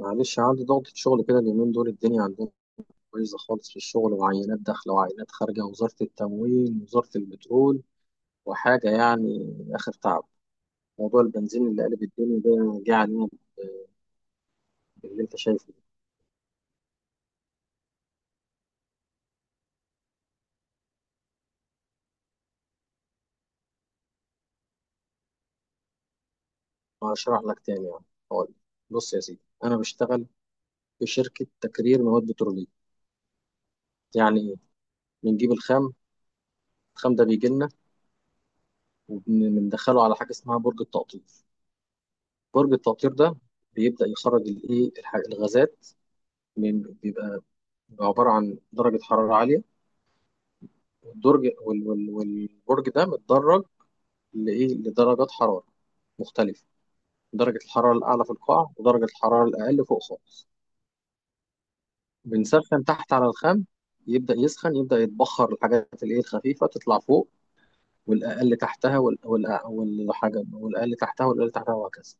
معلش، عندي ضغطة شغل كده اليومين دول. الدنيا عندنا بايظة خالص في الشغل، وعينات داخلة وعينات خارجة، وزارة التموين، وزارة البترول، وحاجة يعني آخر تعب. موضوع البنزين اللي قلب الدنيا ده جه علينا باللي أنت شايفه. ده هشرح لك تاني، يعني هقول لك. بص يا سيدي، أنا بشتغل في شركة تكرير مواد بترولية. يعني إيه؟ بنجيب الخام. الخام ده بيجي لنا وبندخله على حاجة اسمها برج التقطير. برج التقطير ده بيبدأ يخرج الإيه الغازات، من بيبقى عبارة عن درجة حرارة عالية. والبرج ده متدرج لإيه، لدرجات حرارة مختلفة. درجة الحرارة الأعلى في القاع، ودرجة الحرارة الأقل فوق خالص. بنسخن تحت على الخام، يبدأ يسخن، يبدأ يتبخر الحاجات الإيه الخفيفة تطلع فوق، والأقل تحتها والحاجة، والأقل تحتها، والأقل تحتها، وهكذا.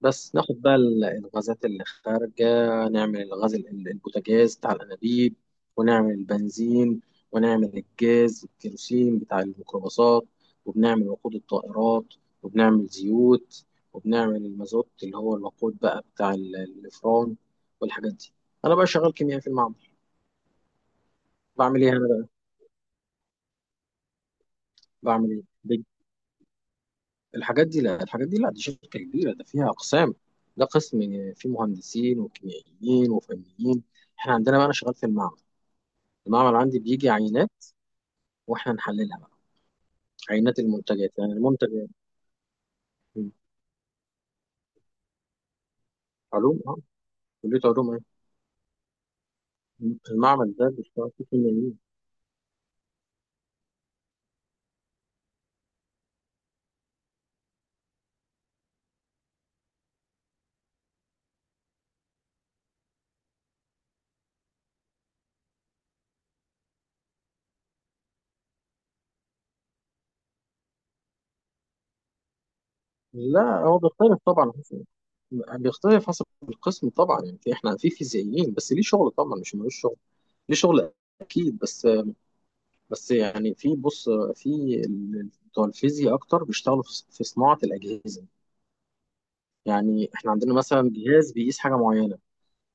بس ناخد بقى الغازات اللي خارجة، نعمل الغاز البوتاجاز بتاع الأنابيب، ونعمل البنزين، ونعمل الجاز الكيروسين بتاع الميكروباصات، وبنعمل وقود الطائرات، وبنعمل زيوت، وبنعمل المازوت اللي هو الوقود بقى بتاع الإفران والحاجات دي. أنا بقى شغال كيميائي في المعمل. بعمل إيه أنا بقى؟ بعمل إيه الحاجات دي لا، الحاجات دي لا، دي شركة كبيرة، ده فيها أقسام. ده قسم فيه مهندسين وكيميائيين وفنيين. احنا عندنا بقى، انا شغال في المعمل. المعمل عندي بيجي عينات، واحنا نحللها بقى، عينات المنتجات، يعني المنتج. م. علوم، اه. كلية علوم، ايه. المعمل ده بيشتغل فيه كيميائيين. لا، هو بيختلف طبعا بيختلف حسب القسم طبعا. يعني احنا في فيزيائيين، بس ليه شغل طبعا، مش ملوش شغل. ليه شغل اكيد، بس يعني، بص، في بتوع الفيزياء اكتر بيشتغلوا في صناعة الاجهزة. يعني احنا عندنا مثلا جهاز بيقيس حاجة معينة،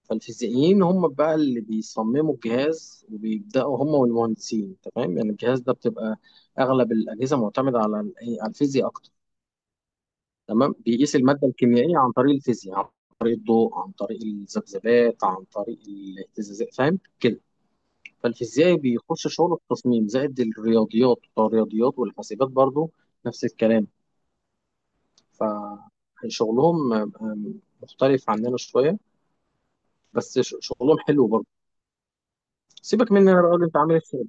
فالفيزيائيين هم بقى اللي بيصمموا الجهاز، وبيبدأوا هم والمهندسين، انت فاهم يعني. الجهاز ده بتبقى اغلب الاجهزه معتمده على إيه؟ على الفيزياء اكتر. تمام، بيقيس الماده الكيميائيه عن طريق الفيزياء، عن طريق الضوء، عن طريق الذبذبات، عن طريق الاهتزازات، فاهم كده. فالفيزيائي بيخش شغل التصميم، زائد الرياضيات، بتوع الرياضيات والحاسبات برضو، نفس الكلام. فشغلهم مختلف عننا شويه. بس شغلهم حلو برضو. سيبك مني، انا بقول انت عامل ايه في شغلك؟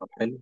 طب حلو.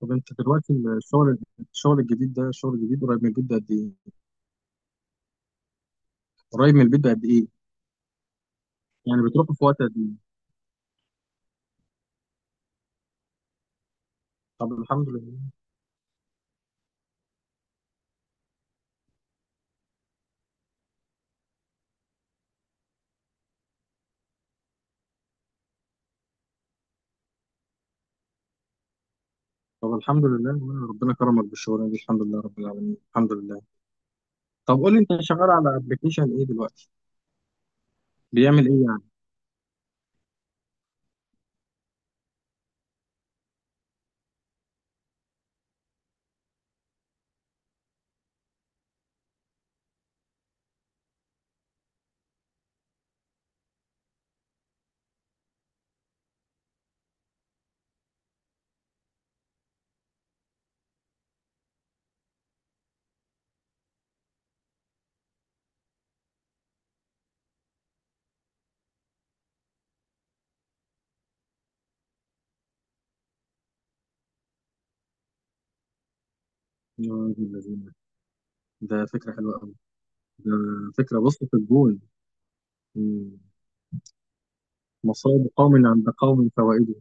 طب انت دلوقتي الشغل الجديد ده، الشغل الجديد قريب من البيت بقد ايه؟ قريب من البيت بقد ايه؟ يعني بتروحوا في وقت قد ايه؟ طب الحمد لله. طب الحمد لله، وانا ربنا كرمك بالشغلانه دي، الحمد لله رب العالمين، الحمد لله. طب قول لي، انت شغال على ابلكيشن ايه دلوقتي؟ بيعمل ايه يعني؟ يا راجل الذين، ده فكره حلوه قوي. ده فكره، بص، في الجون. مم. مصائب قوم عند قوم فوائده.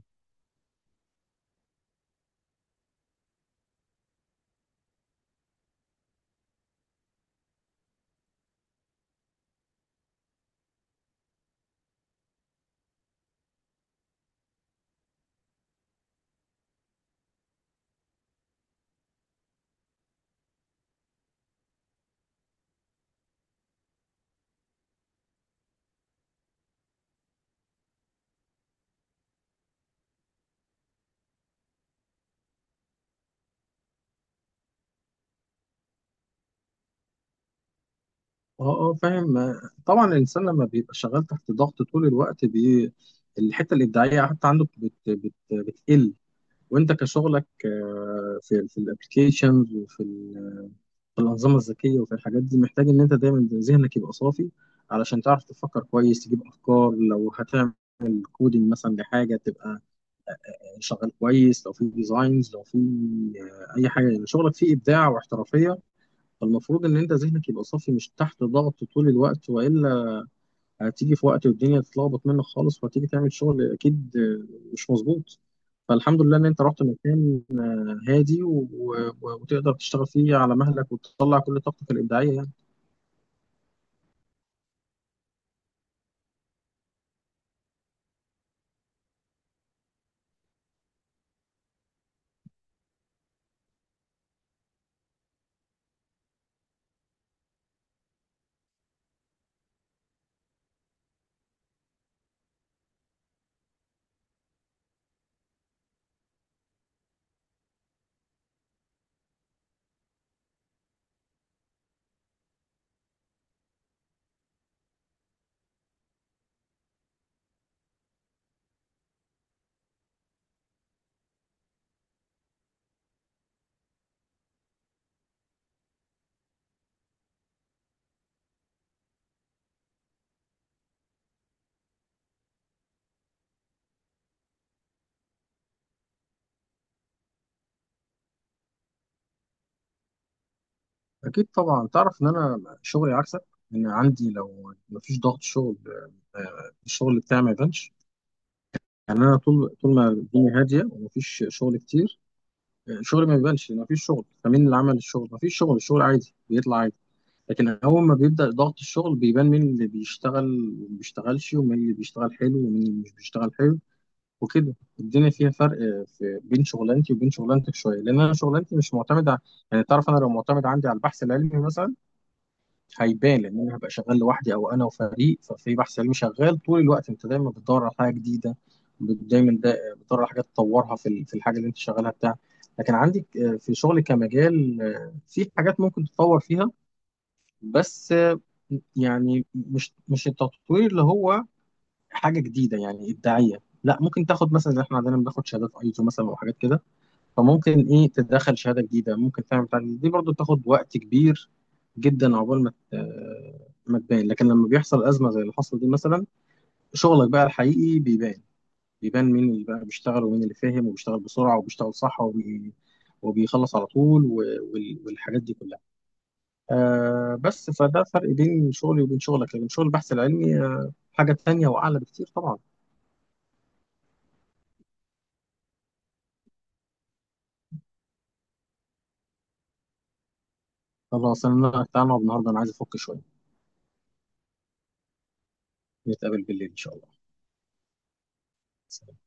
اه، اه، فاهم طبعا. الانسان لما بيبقى شغال تحت ضغط طول الوقت الحته الابداعيه حتى عنده بتقل. وانت كشغلك، في الابلكيشنز، في الانظمه الذكيه وفي الحاجات دي، محتاج ان انت دايما ذهنك يبقى صافي، علشان تعرف تفكر كويس، تجيب افكار. لو هتعمل كودينج مثلا لحاجه، تبقى شغال كويس. لو في ديزاينز، لو في اي حاجه، يعني شغلك فيه ابداع واحترافيه. فالمفروض ان انت ذهنك يبقى صافي، مش تحت ضغط طول الوقت، والا هتيجي في وقت والدنيا تتلخبط منك خالص، وهتيجي تعمل شغل اكيد مش مظبوط. فالحمد لله ان انت رحت مكان هادي وتقدر تشتغل فيه على مهلك، وتطلع كل طاقتك الابداعيه يعني. اكيد طبعا. تعرف ان انا شغلي عكسك، ان عندي لو مفيش ضغط شغل الشغل بتاعي ما يبانش. يعني انا طول ما الدنيا هاديه ومفيش شغل كتير، شغلي ما يبانش. مفيش شغل، فمين اللي عمل الشغل؟ مفيش شغل، الشغل عادي بيطلع عادي. لكن أول ما بيبدأ ضغط الشغل بيبان مين اللي بيشتغل وما بيشتغلش، ومين اللي بيشتغل حلو ومين اللي مش بيشتغل حلو، وكده. الدنيا فيها فرق في بين شغلانتي وبين شغلانتك شوية، لأن أنا شغلانتي مش معتمدة يعني، تعرف أنا لو معتمد عندي على البحث العلمي مثلا، هيبان، لأن أنا هبقى شغال لوحدي أو أنا وفريق. ففي بحث علمي شغال طول الوقت، أنت دايما بتدور على حاجة جديدة، دايما دا بتدور على حاجات تطورها في في الحاجة اللي أنت شغالها بتاع. لكن عندك، في شغلي كمجال، في حاجات ممكن تتطور فيها، بس يعني مش التطوير اللي هو حاجه جديده يعني ابداعيه، لا. ممكن تاخد مثلا، زي احنا عندنا بناخد شهادات ايزو مثلا، او حاجات كده. فممكن ايه تدخل شهاده جديده، ممكن تعمل بتاع جديد. دي برضو تاخد وقت كبير جدا عقبال ما تبان. لكن لما بيحصل ازمه زي اللي حصل دي مثلا، شغلك بقى الحقيقي بيبان. بيبان مين اللي بقى بيشتغل، ومين اللي فاهم وبيشتغل بسرعه وبيشتغل صح وبيخلص على طول، والحاجات دي كلها. آه، بس فده فرق بين شغلي وبين شغلك، لكن شغل البحث العلمي آه، حاجة تانية وأعلى بكتير طبعا. خلاص، أنا تعالى نقعد النهاردة، أنا عايز أفك شوية. نتقابل بالليل إن شاء الله.